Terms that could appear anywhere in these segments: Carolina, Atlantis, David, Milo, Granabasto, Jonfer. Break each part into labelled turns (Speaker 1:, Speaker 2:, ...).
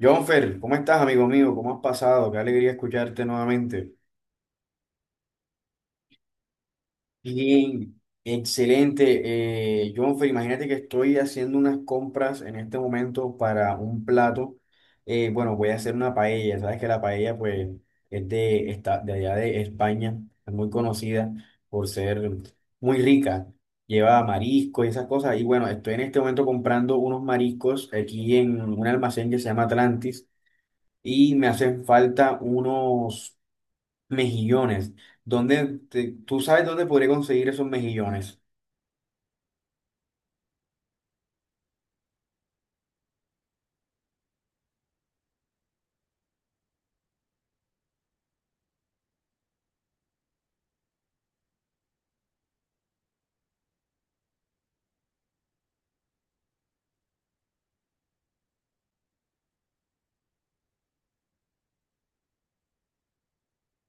Speaker 1: Jonfer, ¿cómo estás, amigo mío? ¿Cómo has pasado? Qué alegría escucharte nuevamente. Bien, excelente. Jonfer, imagínate que estoy haciendo unas compras en este momento para un plato. Bueno, voy a hacer una paella. Sabes que la paella, pues, es de allá de España. Es muy conocida por ser muy rica. Lleva marisco y esas cosas. Y bueno, estoy en este momento comprando unos mariscos aquí en un almacén que se llama Atlantis y me hacen falta unos. Mejillones. Tú sabes dónde podría conseguir esos mejillones?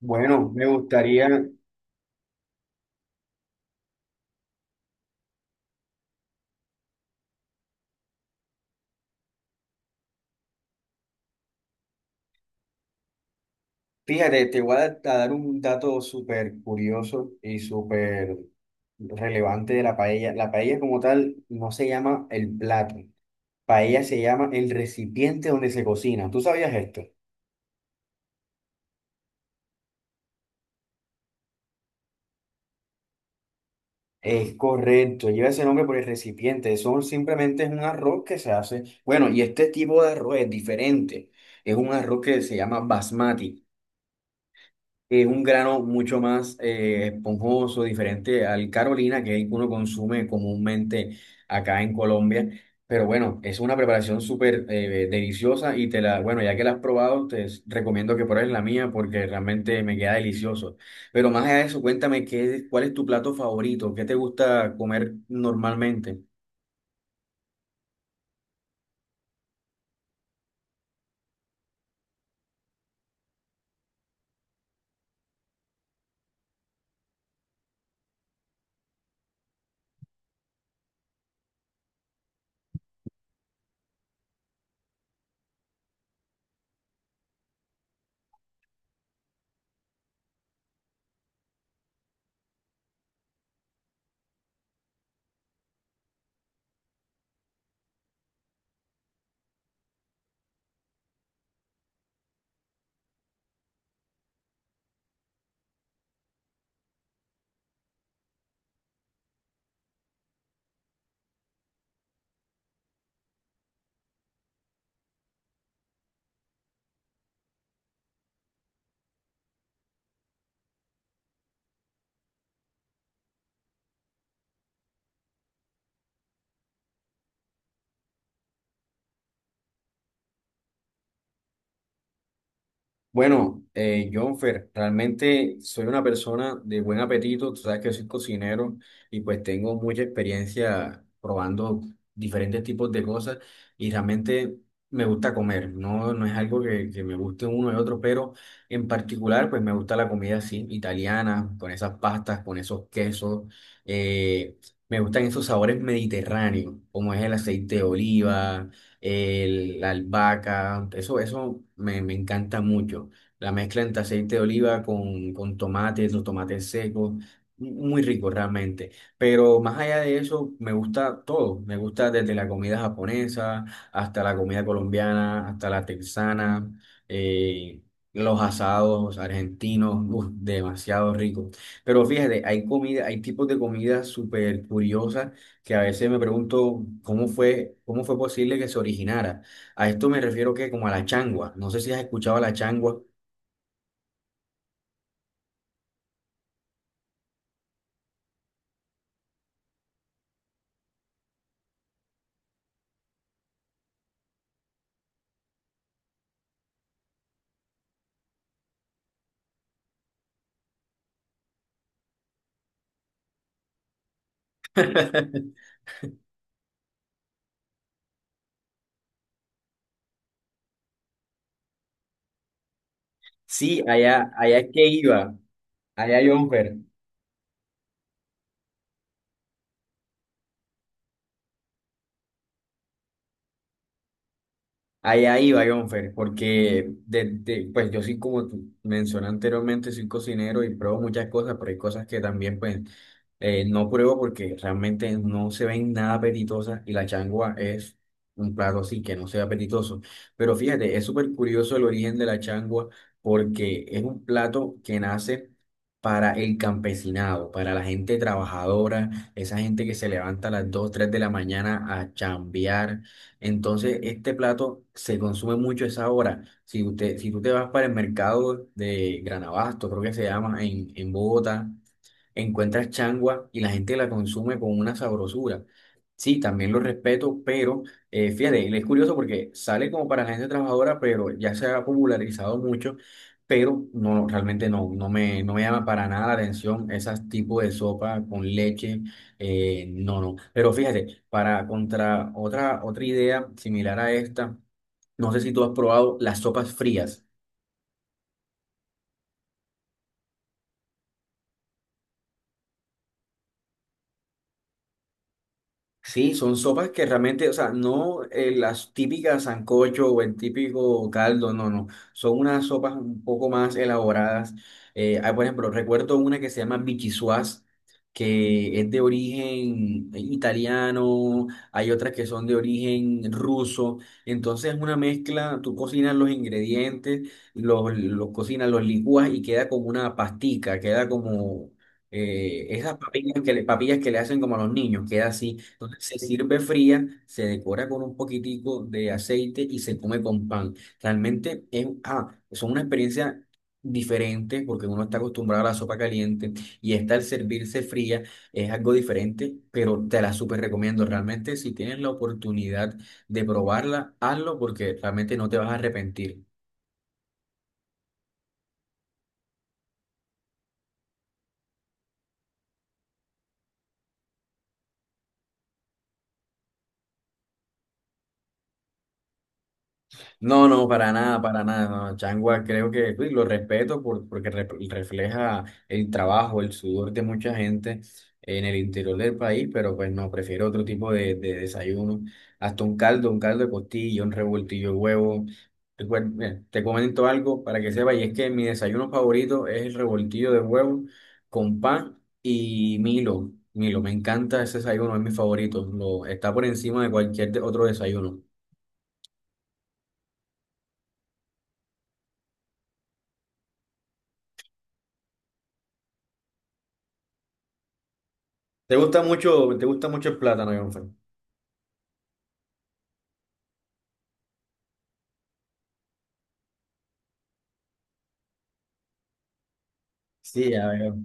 Speaker 1: Bueno, me gustaría, fíjate, te voy a dar un dato súper curioso y súper relevante de la paella. La paella como tal no se llama el plato. Paella se llama el recipiente donde se cocina. ¿Tú sabías esto? Es correcto, lleva ese nombre por el recipiente. Son simplemente es un arroz que se hace. Bueno, y este tipo de arroz es diferente. Es un arroz que se llama basmati. Es un grano mucho más esponjoso, diferente al Carolina, que uno consume comúnmente acá en Colombia. Pero bueno, es una preparación súper deliciosa y bueno, ya que la has probado, recomiendo que pruebes la mía porque realmente me queda delicioso. Pero más allá de eso, cuéntame cuál es tu plato favorito, qué te gusta comer normalmente. Bueno, Jonfer, realmente soy una persona de buen apetito, tú sabes que soy cocinero y pues tengo mucha experiencia probando diferentes tipos de cosas y realmente me gusta comer, no, no es algo que me guste uno y otro, pero en particular pues me gusta la comida así, italiana, con esas pastas, con esos quesos, eh, me gustan esos sabores mediterráneos, como es el aceite de oliva la albahaca, eso, me encanta mucho. La mezcla entre aceite de oliva con tomates, los tomates secos, muy rico realmente. Pero más allá de eso, me gusta todo. Me gusta desde la comida japonesa hasta la comida colombiana, hasta la texana, eh, los asados argentinos, uf, demasiado rico. Pero fíjate, hay tipos de comida súper curiosas que a veces me pregunto cómo cómo fue posible que se originara. A esto me refiero que como a la changua. No sé si has escuchado a la changua. Sí, allá es que iba, allá Jonfer. Allá iba, Jonfer, porque desde, pues yo sí, como tú mencioné anteriormente, soy cocinero y pruebo muchas cosas, pero hay cosas que también, pues, no pruebo porque realmente no se ven nada apetitosas y la changua es un plato así que no sea apetitoso. Pero fíjate, es súper curioso el origen de la changua porque es un plato que nace para el campesinado, para la gente trabajadora, esa gente que se levanta a las 2 3 de la mañana a chambear entonces, este plato se consume mucho a esa hora. Si usted, si tú te vas para el mercado de Granabasto, creo que se llama, en Bogotá, encuentras changua y la gente la consume con una sabrosura. Sí, también lo respeto, pero fíjate, es curioso porque sale como para la gente trabajadora, pero ya se ha popularizado mucho, pero no, realmente no, no me llama para nada la atención esas tipos de sopa con leche, no, no. Pero fíjate, para contra otra idea similar a esta, no sé si tú has probado las sopas frías. Sí, son sopas que realmente, o sea, no las típicas sancocho o el típico caldo, no, no. Son unas sopas un poco más elaboradas. Por ejemplo, recuerdo una que se llama bichisuas, que es de origen italiano, hay otras que son de origen ruso. Entonces es una mezcla, tú cocinas los ingredientes, los cocinas, los licúas y queda como una pastica, queda como… esas papillas papillas que le hacen como a los niños, queda así. Entonces se sirve fría, se decora con un poquitico de aceite y se come con pan. Realmente es, ah, son una experiencia diferente porque uno está acostumbrado a la sopa caliente y esta al servirse fría es algo diferente, pero te la súper recomiendo. Realmente si tienes la oportunidad de probarla, hazlo porque realmente no te vas a arrepentir. No, no, para nada, para nada. No. Changua creo que uy, lo respeto porque refleja el trabajo, el sudor de mucha gente en el interior del país, pero pues no, prefiero otro tipo de desayuno. Hasta un caldo de costilla, un revoltillo de huevo. Mira, te comento algo para que sepas, y es que mi desayuno favorito es el revoltillo de huevo con pan y Milo. Milo, me encanta ese desayuno, es mi favorito. Lo, está por encima de cualquier otro desayuno. Te gusta mucho el plátano, Jonfer. Sí, ya veo.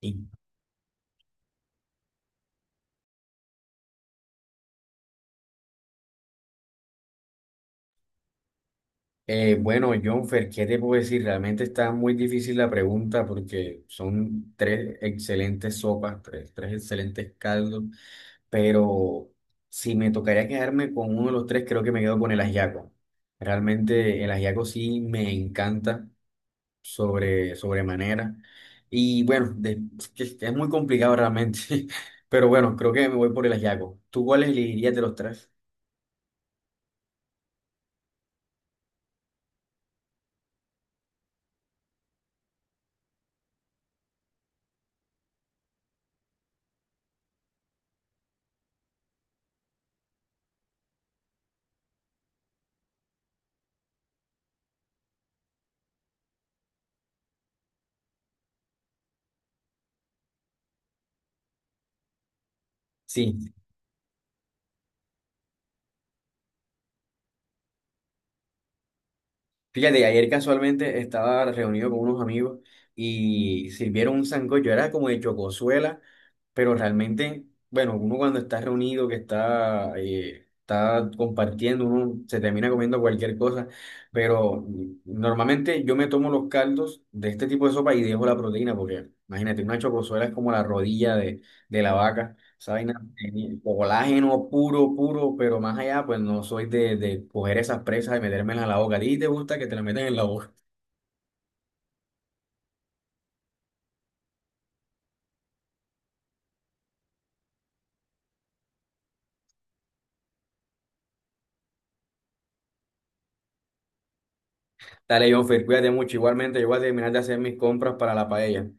Speaker 1: Y, bueno, Jonfer, ¿qué te puedo decir? Realmente está muy difícil la pregunta porque son tres excelentes sopas, tres excelentes caldos, pero si me tocaría quedarme con uno de los tres, creo que me quedo con el ajiaco. Realmente el ajiaco sí me encanta sobremanera. Y bueno, es que es muy complicado realmente, pero bueno, creo que me voy por el ajiaco. ¿Tú cuál elegirías de los tres? Sí, fíjate, ayer casualmente estaba reunido con unos amigos y sirvieron un sancocho, era como de chocosuela, pero realmente, bueno, uno cuando está reunido, que está, está compartiendo, uno se termina comiendo cualquier cosa, pero normalmente yo me tomo los caldos de este tipo de sopa y dejo la proteína, porque imagínate, una chocosuela es como la rodilla de la vaca, ¿sabes? Sí, colágeno puro, puro, pero más allá, pues no soy de coger esas presas y metérmelas en la boca. ¿A ti te gusta que te la metan en la boca? Dale, Jonfer, cuídate mucho. Igualmente, yo voy a terminar de hacer mis compras para la paella.